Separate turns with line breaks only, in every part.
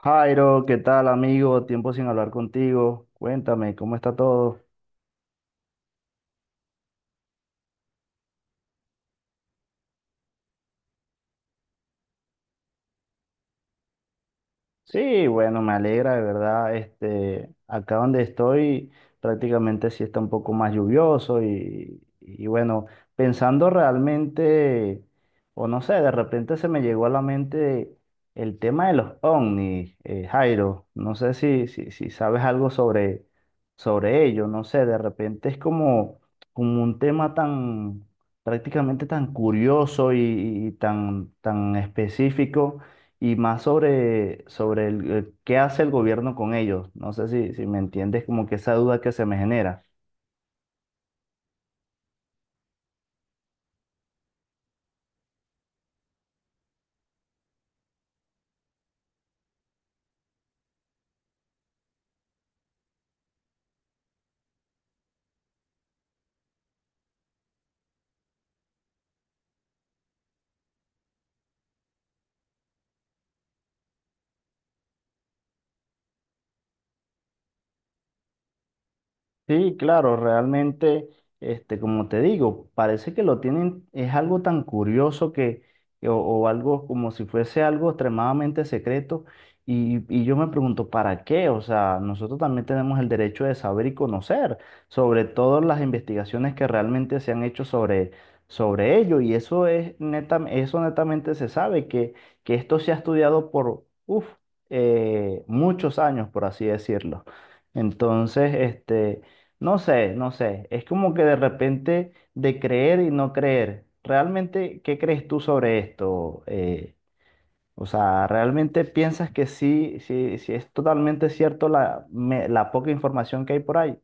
Jairo, ¿qué tal, amigo? Tiempo sin hablar contigo. Cuéntame, ¿cómo está todo? Sí, bueno, me alegra, de verdad. Este, acá donde estoy, prácticamente sí está un poco más lluvioso y bueno, pensando realmente, o no sé, de repente se me llegó a la mente el tema de los ovnis, Jairo. No sé si sabes algo sobre ello, no sé, de repente es como un tema tan, prácticamente tan curioso y tan específico y más sobre qué hace el gobierno con ellos. No sé si me entiendes como que esa duda que se me genera. Sí, claro, realmente, este, como te digo, parece que lo tienen, es algo tan curioso que, o algo como si fuese algo extremadamente secreto. Y yo me pregunto, ¿para qué? O sea, nosotros también tenemos el derecho de saber y conocer, sobre todo las investigaciones que realmente se han hecho sobre ello. Y eso es neta, eso netamente se sabe, que esto se ha estudiado por, uf, muchos años, por así decirlo. Entonces, este. No sé, no sé. Es como que de repente de creer y no creer. ¿Realmente qué crees tú sobre esto? O sea, ¿realmente piensas que sí, sí, sí es totalmente cierto la poca información que hay por ahí?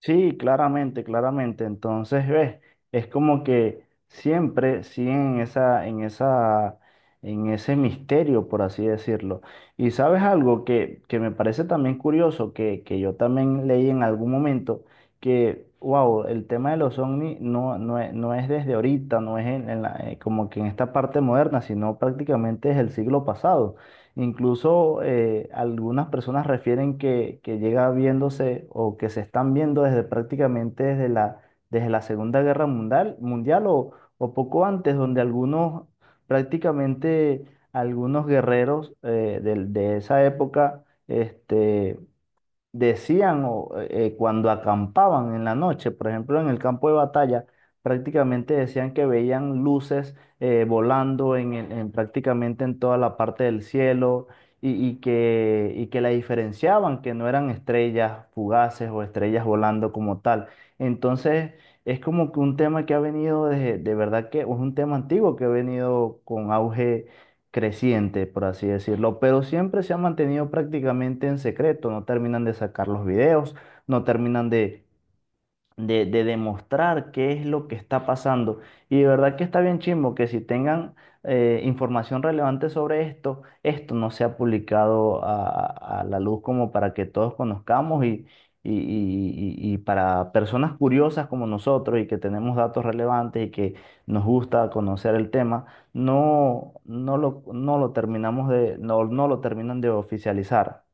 Sí, claramente, claramente. Entonces, ves, es como que siempre siguen en esa, en ese misterio, por así decirlo. Y sabes algo que me parece también curioso, que yo también leí en algún momento, que, wow, el tema de los ovnis no es desde ahorita, no es como que en esta parte moderna, sino prácticamente es el siglo pasado. Incluso algunas personas refieren que llega viéndose o que se están viendo desde prácticamente desde la Segunda Guerra Mundial o poco antes, donde algunos, prácticamente algunos guerreros de, esa época este, decían cuando acampaban en la noche, por ejemplo, en el campo de batalla, prácticamente decían que veían luces volando en prácticamente en toda la parte del cielo y que la diferenciaban, que no eran estrellas fugaces o estrellas volando como tal. Entonces, es como que un tema que ha venido de verdad que es un tema antiguo que ha venido con auge creciente, por así decirlo, pero siempre se ha mantenido prácticamente en secreto, no terminan de sacar los videos, no terminan de de demostrar qué es lo que está pasando. Y de verdad que está bien chimbo que si tengan información relevante sobre esto, esto no sea publicado a la luz como para que todos conozcamos y para personas curiosas como nosotros y que tenemos datos relevantes y que nos gusta conocer el tema, no lo terminamos de, no lo terminan de oficializar.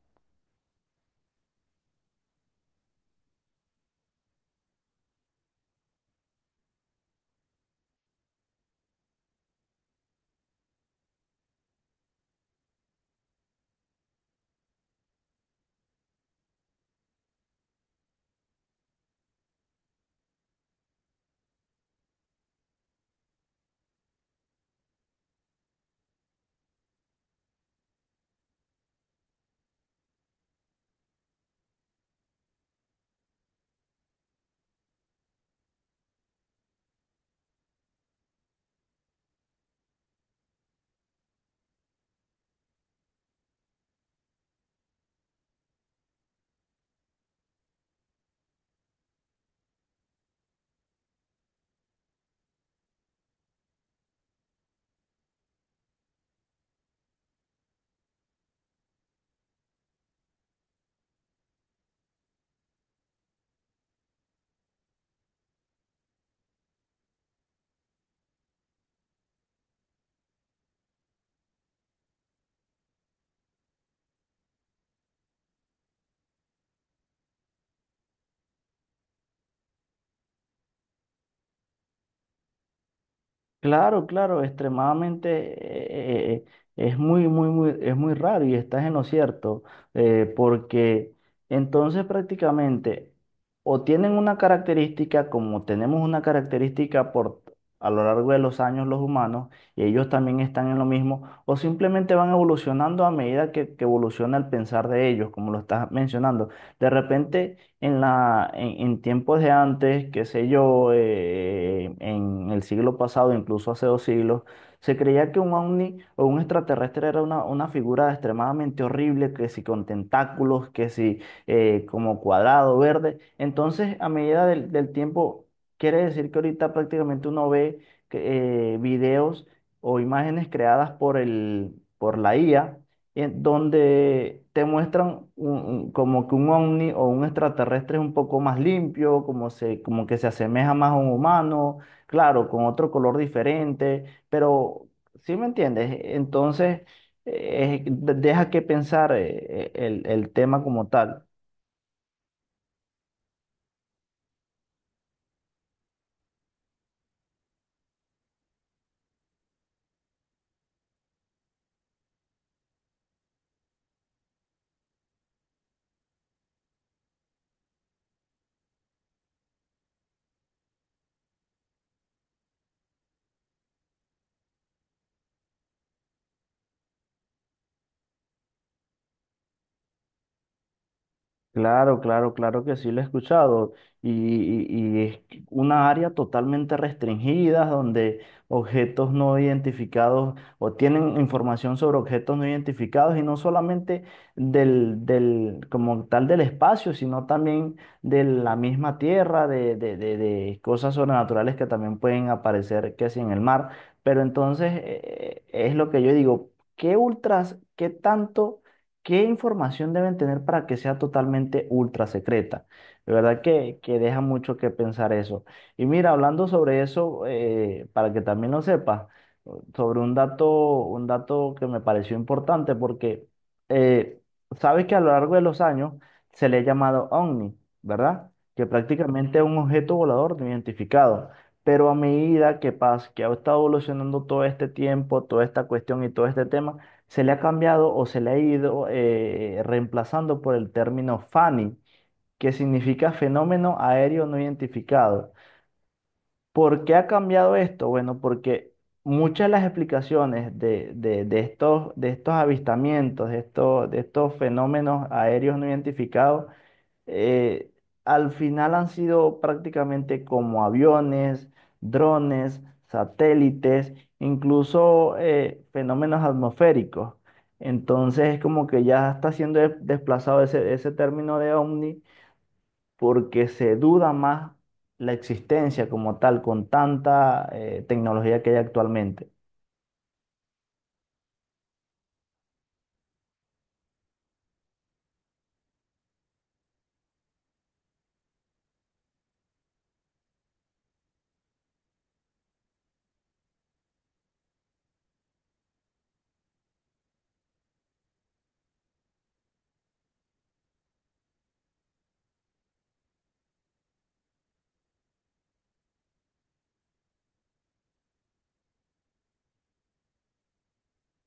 Claro, claro, extremadamente es muy, muy, muy, es muy raro y estás en lo cierto, porque entonces prácticamente o tienen una característica como tenemos una característica por a lo largo de los años los humanos y ellos también están en lo mismo, o simplemente van evolucionando a medida que evoluciona el pensar de ellos, como lo estás mencionando. De repente en tiempos de antes, qué sé yo, en el siglo pasado, incluso hace 2 siglos, se creía que un ovni o un extraterrestre era una figura extremadamente horrible, que si con tentáculos, que si como cuadrado, verde. Entonces, a medida del tiempo, quiere decir que ahorita prácticamente uno ve que, videos o imágenes creadas por la IA en donde te muestran como que un ovni o un extraterrestre es un poco más limpio, como que se asemeja más a un humano, claro, con otro color diferente, pero ¿sí me entiendes? Entonces, deja que pensar el tema como tal. Claro, claro, claro que sí lo he escuchado. Y es que una área totalmente restringida donde objetos no identificados o tienen información sobre objetos no identificados y no solamente del, como tal del espacio, sino también de la misma tierra, de cosas sobrenaturales que también pueden aparecer, que si en el mar. Pero entonces es lo que yo digo, ¿qué ultras, qué tanto? ¿Qué información deben tener para que sea totalmente ultra secreta? De verdad que deja mucho que pensar eso. Y mira, hablando sobre eso, para que también lo sepas, sobre un dato que me pareció importante, porque eh, sabes que a lo largo de los años se le ha llamado OVNI, ¿verdad? Que prácticamente es un objeto volador no identificado. Pero a medida que pasa, que ha estado evolucionando todo este tiempo, toda esta cuestión y todo este tema, se le ha cambiado o se le ha ido reemplazando por el término FANI, que significa fenómeno aéreo no identificado. ¿Por qué ha cambiado esto? Bueno, porque muchas de las explicaciones de estos, de estos, avistamientos, de estos fenómenos aéreos no identificados, eh, al final han sido prácticamente como aviones, drones, satélites, incluso fenómenos atmosféricos. Entonces es como que ya está siendo desplazado ese término de ovni porque se duda más la existencia como tal con tanta tecnología que hay actualmente.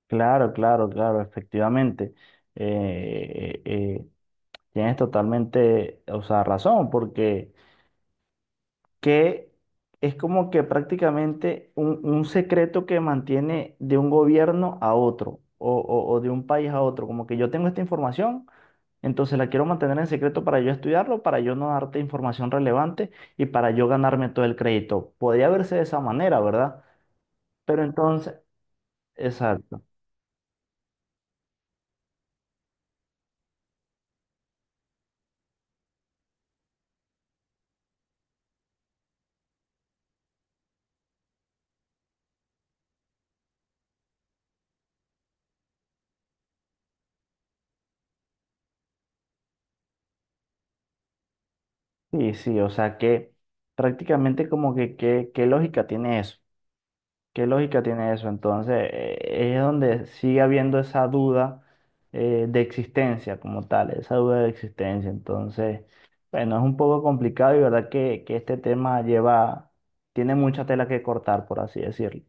Claro, claro, claro, efectivamente. Eh, eh, eh, tienes totalmente, o sea, razón porque que es como que prácticamente un secreto que mantiene de un gobierno a otro o de un país a otro. Como que yo tengo esta información, entonces la quiero mantener en secreto para yo estudiarlo, para yo no darte información relevante y para yo ganarme todo el crédito. Podría verse de esa manera, ¿verdad? Pero entonces, exacto. Sí, sí, o sea que prácticamente como que qué lógica tiene eso. ¿Qué lógica tiene eso? Entonces, es donde sigue habiendo esa duda de existencia como tal, esa duda de existencia. Entonces, bueno, es un poco complicado y verdad que este tema lleva, tiene mucha tela que cortar, por así decirlo.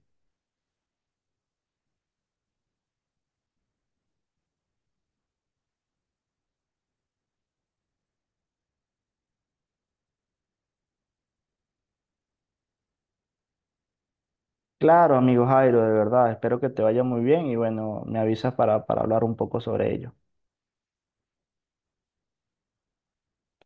Claro, amigo Jairo, de verdad, espero que te vaya muy bien y bueno, me avisas para hablar un poco sobre ello.